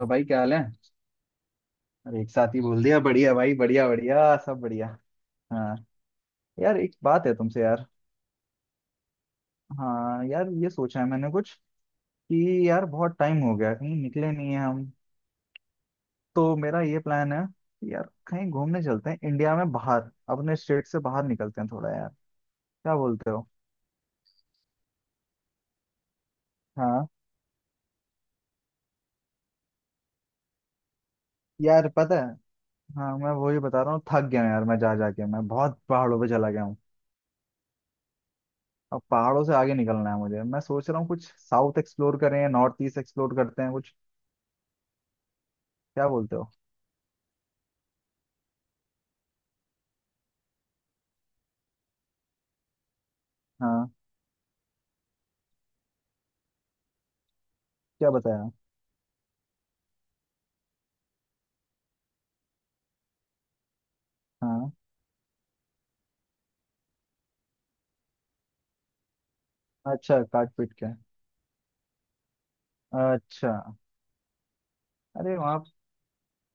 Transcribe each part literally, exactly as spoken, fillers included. तो भाई क्या हाल है। अरे एक साथ ही बोल दिया, बढ़िया भाई, बढ़िया बढ़िया सब बढ़िया। हाँ, यार एक बात है तुमसे यार। हाँ यार, ये सोचा है मैंने कुछ कि यार बहुत टाइम हो गया, कहीं निकले नहीं है हम। तो मेरा ये प्लान है कि यार कहीं घूमने चलते हैं इंडिया में, बाहर अपने स्टेट से बाहर निकलते हैं थोड़ा यार। क्या बोलते हो? हाँ। यार पता है, हाँ मैं वही बता रहा हूँ, थक गया हूँ यार मैं, जा जाके मैं बहुत पहाड़ों पे चला गया हूँ। अब पहाड़ों से आगे निकलना है मुझे, मैं सोच रहा हूँ कुछ साउथ एक्सप्लोर करें, नॉर्थ ईस्ट एक्सप्लोर करते हैं कुछ। क्या बोलते हो? हाँ। क्या बताया? हाँ, अच्छा काट पीट के। अच्छा। अरे वहाँ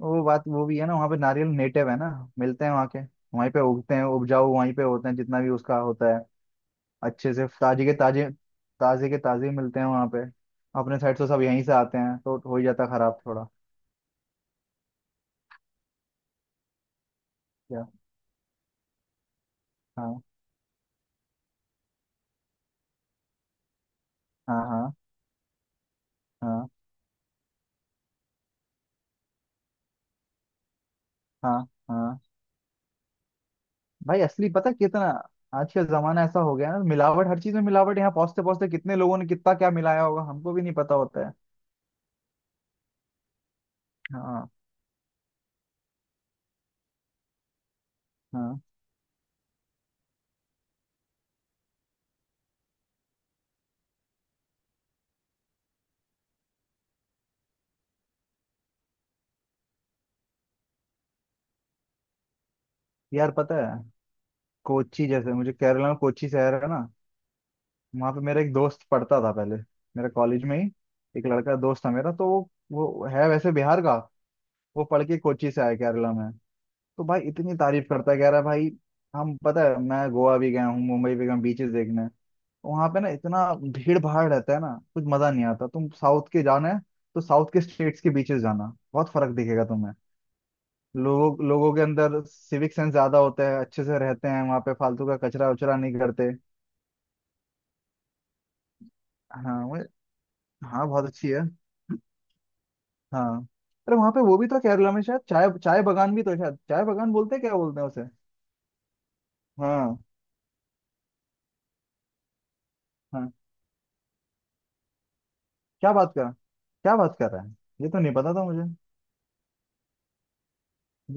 वो बात वो भी है ना, वहाँ पे नारियल नेटिव है ना, मिलते हैं वहाँ के, वहीं पे उगते हैं, उपजाऊ वहीं पे होते हैं, जितना भी उसका होता है अच्छे से ताजे के ताजे, ताजे के ताजे मिलते हैं वहाँ पे। अपने साइड तो सब यहीं से आते हैं, तो हो ही जाता खराब थोड़ा। क्या? हाँ हाँ हाँ हाँ हाँ हाँ। भाई असली पता कितना। आज का जमाना ऐसा हो गया है ना, मिलावट, हर चीज में मिलावट, यहाँ पहुंचते पहुंचते कितने लोगों ने कितना क्या मिलाया होगा, हमको भी नहीं पता होता है। हाँ। हाँ। यार पता है, कोची जैसे, मुझे केरला में कोची शहर है ना, वहाँ पे मेरा एक दोस्त पढ़ता था पहले, मेरे कॉलेज में ही। एक लड़का दोस्त था मेरा, तो वो वो है वैसे बिहार का। वो पढ़ के कोची से आया केरला में। तो भाई इतनी तारीफ करता है, कह रहा है भाई, हम पता है मैं गोवा भी गया हूँ, मुंबई भी गया हूँ बीचेस देखने, तो वहाँ पे ना इतना भीड़ भाड़ रहता है ना, कुछ मजा नहीं आता। तुम साउथ के जाना है, तो साउथ के स्टेट्स के बीचेस जाना, बहुत फर्क दिखेगा तुम्हें। लोगों लोगों के अंदर सिविक सेंस ज्यादा होता है, अच्छे से रहते हैं वहाँ पे, फालतू का कचरा उचरा नहीं करते। हाँ वो- हाँ बहुत अच्छी है। हाँ। अरे वहाँ पे वो भी तो है, केरला में शायद चाय, चाय बगान भी तो है शायद, चाय बगान बोलते हैं क्या बोलते हैं उसे? हाँ हाँ। क्या बात कर? क्या बात कर रहा है? ये तो नहीं पता था मुझे।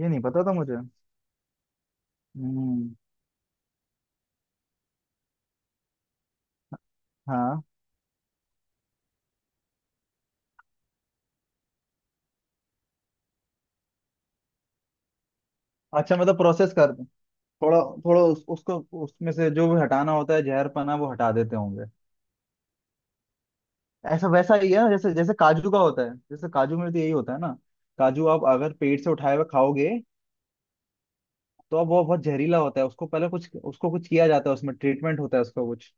ये नहीं पता था मुझे। हम्म। हाँ। अच्छा मतलब प्रोसेस कर थोड़ा, थोड़ा उस, उसको उसमें से जो भी हटाना होता है जहरपना वो हटा देते होंगे। ऐसा वैसा ही है ना, जैसे जैसे काजू का होता है, जैसे काजू में तो यही होता है ना। काजू आप अगर पेट से उठाए हुए खाओगे तो अब वो बहुत जहरीला होता है, उसको पहले कुछ, उसको कुछ किया जाता है, उसमें ट्रीटमेंट होता है उसका कुछ।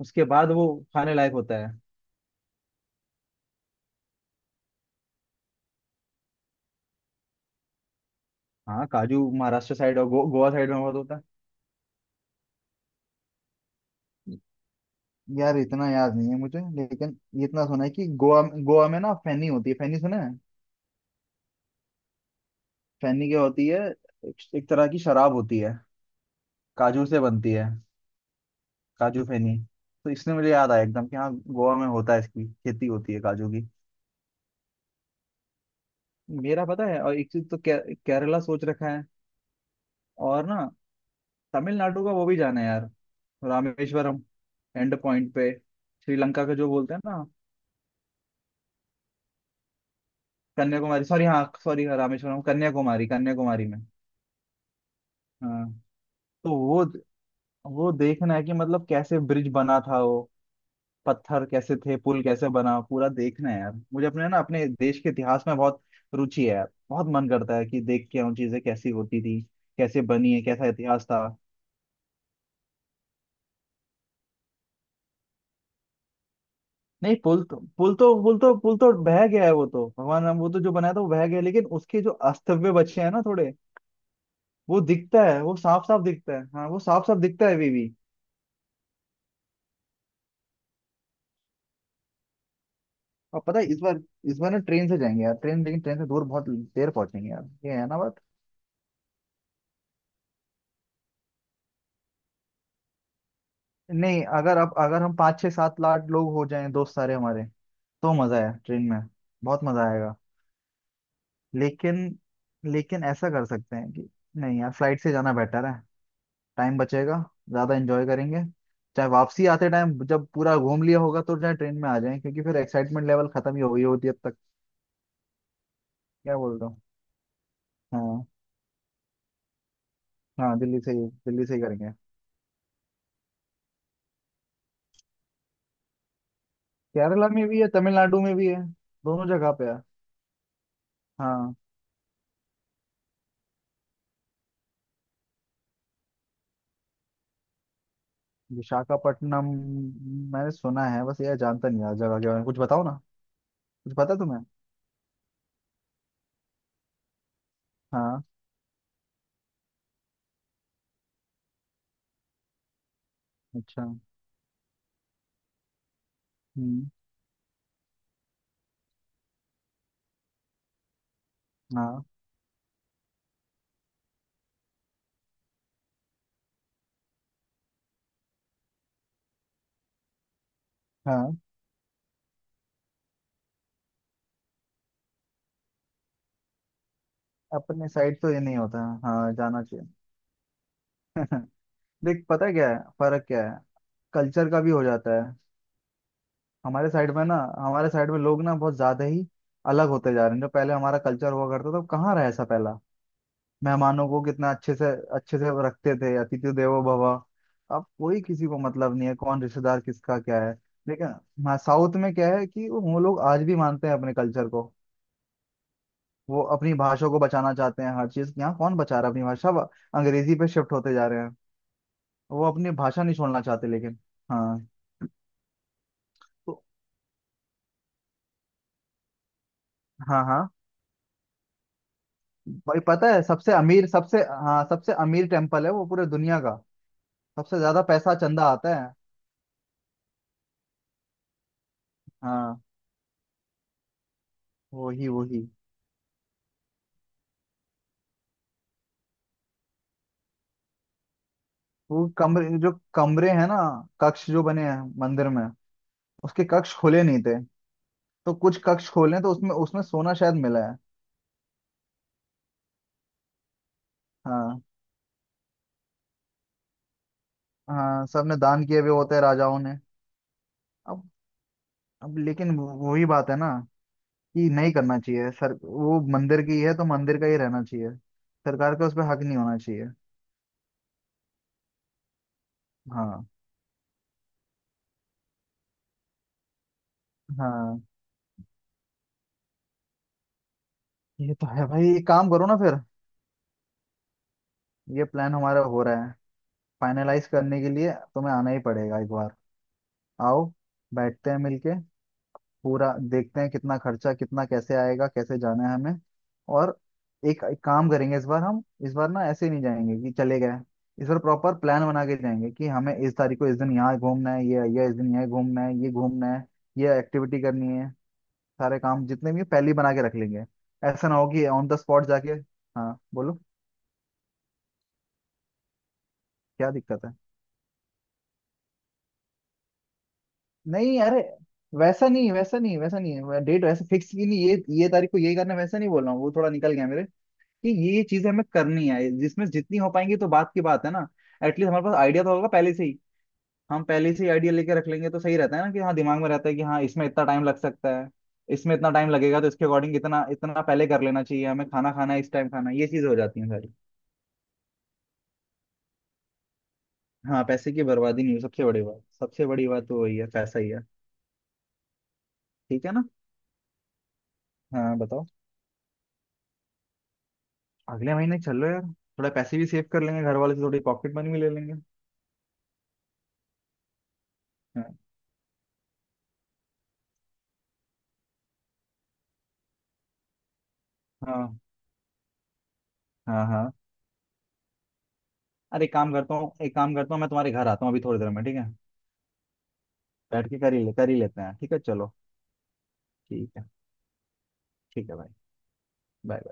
उसके बाद वो खाने लायक होता है। हाँ काजू महाराष्ट्र साइड और गो, गोवा साइड में बहुत होता है। यार इतना याद नहीं है मुझे, लेकिन ये इतना सुना है कि गोवा, गोवा में ना फैनी होती है, फैनी सुना है? फैनी क्या होती है? एक एक तरह की शराब होती है, काजू से बनती है, काजू फेनी। तो इसने मुझे याद आया एकदम कि हाँ गोवा में होता है, इसकी खेती होती है काजू की। मेरा पता है और एक चीज तो के, केरला सोच रखा है। और ना तमिलनाडु का वो भी जाना है यार, रामेश्वरम, एंड पॉइंट पे, श्रीलंका का जो बोलते हैं ना, कन्याकुमारी, सॉरी हाँ सॉरी, रामेश्वरम कन्याकुमारी, कन्याकुमारी में। हाँ। तो वो वो देखना है कि मतलब कैसे ब्रिज बना था वो, पत्थर कैसे थे, पुल कैसे बना, पूरा देखना है यार मुझे। अपने ना अपने देश के इतिहास में बहुत रुचि है यार, बहुत मन करता है कि देख के आऊँ चीजें कैसी होती थी, कैसे बनी है, कैसा इतिहास था। नहीं पुल तो पुल तो पुल तो पुल तो बह गया है, वो तो भगवान राम, वो तो जो बनाया था वो बह गया, लेकिन उसके जो अस्तित्व बचे हैं ना थोड़े, वो दिखता है, वो साफ साफ दिखता है। हाँ वो साफ साफ दिखता है अभी भी। और पता है इस बार, इस बार ना ट्रेन से जाएंगे यार ट्रेन, लेकिन ट्रेन से दूर बहुत देर पहुंचेंगे यार ये है ना बात। नहीं, अगर आप, अगर हम पाँच छह सात लाख लोग हो जाएं दोस्त सारे हमारे, तो मजा है ट्रेन में, बहुत मजा आएगा। लेकिन लेकिन ऐसा कर सकते हैं कि नहीं, यार फ्लाइट से जाना बेटर है, टाइम बचेगा, ज्यादा एंजॉय करेंगे। चाहे वापसी आते टाइम जब पूरा घूम लिया होगा तो चाहे ट्रेन में आ जाएं, क्योंकि फिर एक्साइटमेंट लेवल खत्म ही हो गई होती है अब तक। क्या बोल रहा हूँ? हाँ। हाँ दिल्ली से ही, दिल्ली से ही करेंगे। केरला में भी है, तमिलनाडु में भी है, दोनों जगह पे है। हाँ। विशाखापट्टनम मैंने सुना है बस, यार जानता नहीं यार, जगह के बारे में कुछ बताओ ना, कुछ पता तुम्हें? हाँ। अच्छा। हम्म। हाँ। हाँ। अपने साइड तो ये नहीं होता है। हाँ जाना चाहिए। देख पता है क्या है, फर्क क्या है, कल्चर का भी हो जाता है। हमारे साइड में ना, हमारे साइड में लोग ना बहुत ज्यादा ही अलग होते जा रहे हैं। जो पहले हमारा कल्चर हुआ करता था वो कहाँ रहा, ऐसा पहला मेहमानों को कितना अच्छे से, अच्छे से वो रखते थे, अतिथि देवो भव। अब कोई किसी को मतलब नहीं है, कौन रिश्तेदार किसका क्या है। लेकिन हाँ साउथ में क्या है कि वो वो लोग आज भी मानते हैं अपने कल्चर को, वो अपनी भाषा को बचाना चाहते हैं हर चीज। यहाँ कौन बचा रहा है अपनी भाषा, सब अंग्रेजी पे शिफ्ट होते जा रहे हैं, वो अपनी भाषा नहीं छोड़ना चाहते लेकिन। हाँ। तो हाँ हाँ। भाई पता है सबसे अमीर सबसे, हाँ सबसे अमीर टेम्पल है वो पूरे दुनिया का, सबसे ज्यादा पैसा चंदा आता है। हाँ। वही वही वो कमरे, जो कमरे हैं ना, कक्ष जो बने हैं मंदिर में, उसके कक्ष खोले नहीं थे। तो कुछ कक्ष खोले तो उसमें, उसमें सोना शायद मिला है। हाँ। हाँ सबने दान किए हुए होते हैं राजाओं ने। अब अब लेकिन वो- वही बात है ना कि नहीं करना चाहिए सर, वो मंदिर की है तो मंदिर का ही रहना चाहिए। सरकार का उस पर हक नहीं होना चाहिए। हाँ। हाँ ये तो है भाई, एक काम करो ना फिर, ये प्लान हमारा हो रहा है, फाइनलाइज करने के लिए तुम्हें आना ही पड़ेगा एक बार। आओ बैठते हैं मिलके, पूरा देखते हैं कितना खर्चा, कितना कैसे आएगा, कैसे जाना है हमें। और एक, एक काम करेंगे इस बार हम। इस बार ना ऐसे ही नहीं जाएंगे कि चले गए, इस बार प्रॉपर प्लान बना के जाएंगे कि हमें इस तारीख को इस दिन यहाँ घूमना है, ये ये इस दिन यहाँ घूमना है, ये घूमना है, ये एक्टिविटी करनी है। सारे काम जितने भी हैं, पहले ही बना के रख लेंगे। ऐसा ना हो कि ऑन द स्पॉट जाके, हाँ बोलो। क्या दिक्कत है? नहीं अरे, वैसा नहीं वैसा नहीं वैसा नहीं है, डेट वैसे फिक्स की नहीं, ये ये तारीख को यही करना है, वैसा नहीं बोल रहा हूँ, वो थोड़ा निकल गया मेरे, कि ये ये चीजें हमें करनी है, जिसमें जितनी हो पाएंगी तो बात की बात है ना। एटलीस्ट हमारे पास आइडिया तो होगा पहले से ही। हम पहले से ही आइडिया लेके रख लेंगे तो सही रहता है ना, कि हाँ दिमाग में रहता है कि हाँ इसमें इतना टाइम लग सकता है, इसमें इतना टाइम लगेगा, तो इसके अकॉर्डिंग इतना इतना पहले कर लेना चाहिए हमें, खाना खाना है इस टाइम, खाना है ये चीजें हो जाती हैं सारी। हाँ पैसे की बर्बादी नहीं हो, सबसे बड़ी बात सबसे बड़ी बात तो वही है पैसा ही है। ठीक है ना। हाँ बताओ। अगले महीने चल लो यार, थोड़ा पैसे भी सेव कर लेंगे, घर वाले से थोड़ी पॉकेट मनी भी ले लेंगे। हाँ हाँ हाँ हाँ। अरे एक काम करता हूँ, एक काम करता हूँ मैं, तुम्हारे घर आता हूँ अभी थोड़ी देर में ठीक है। बैठ के कर ही ले, कर ही लेते हैं, ठीक है चलो। ठीक है, ठीक है भाई, बाय बाय।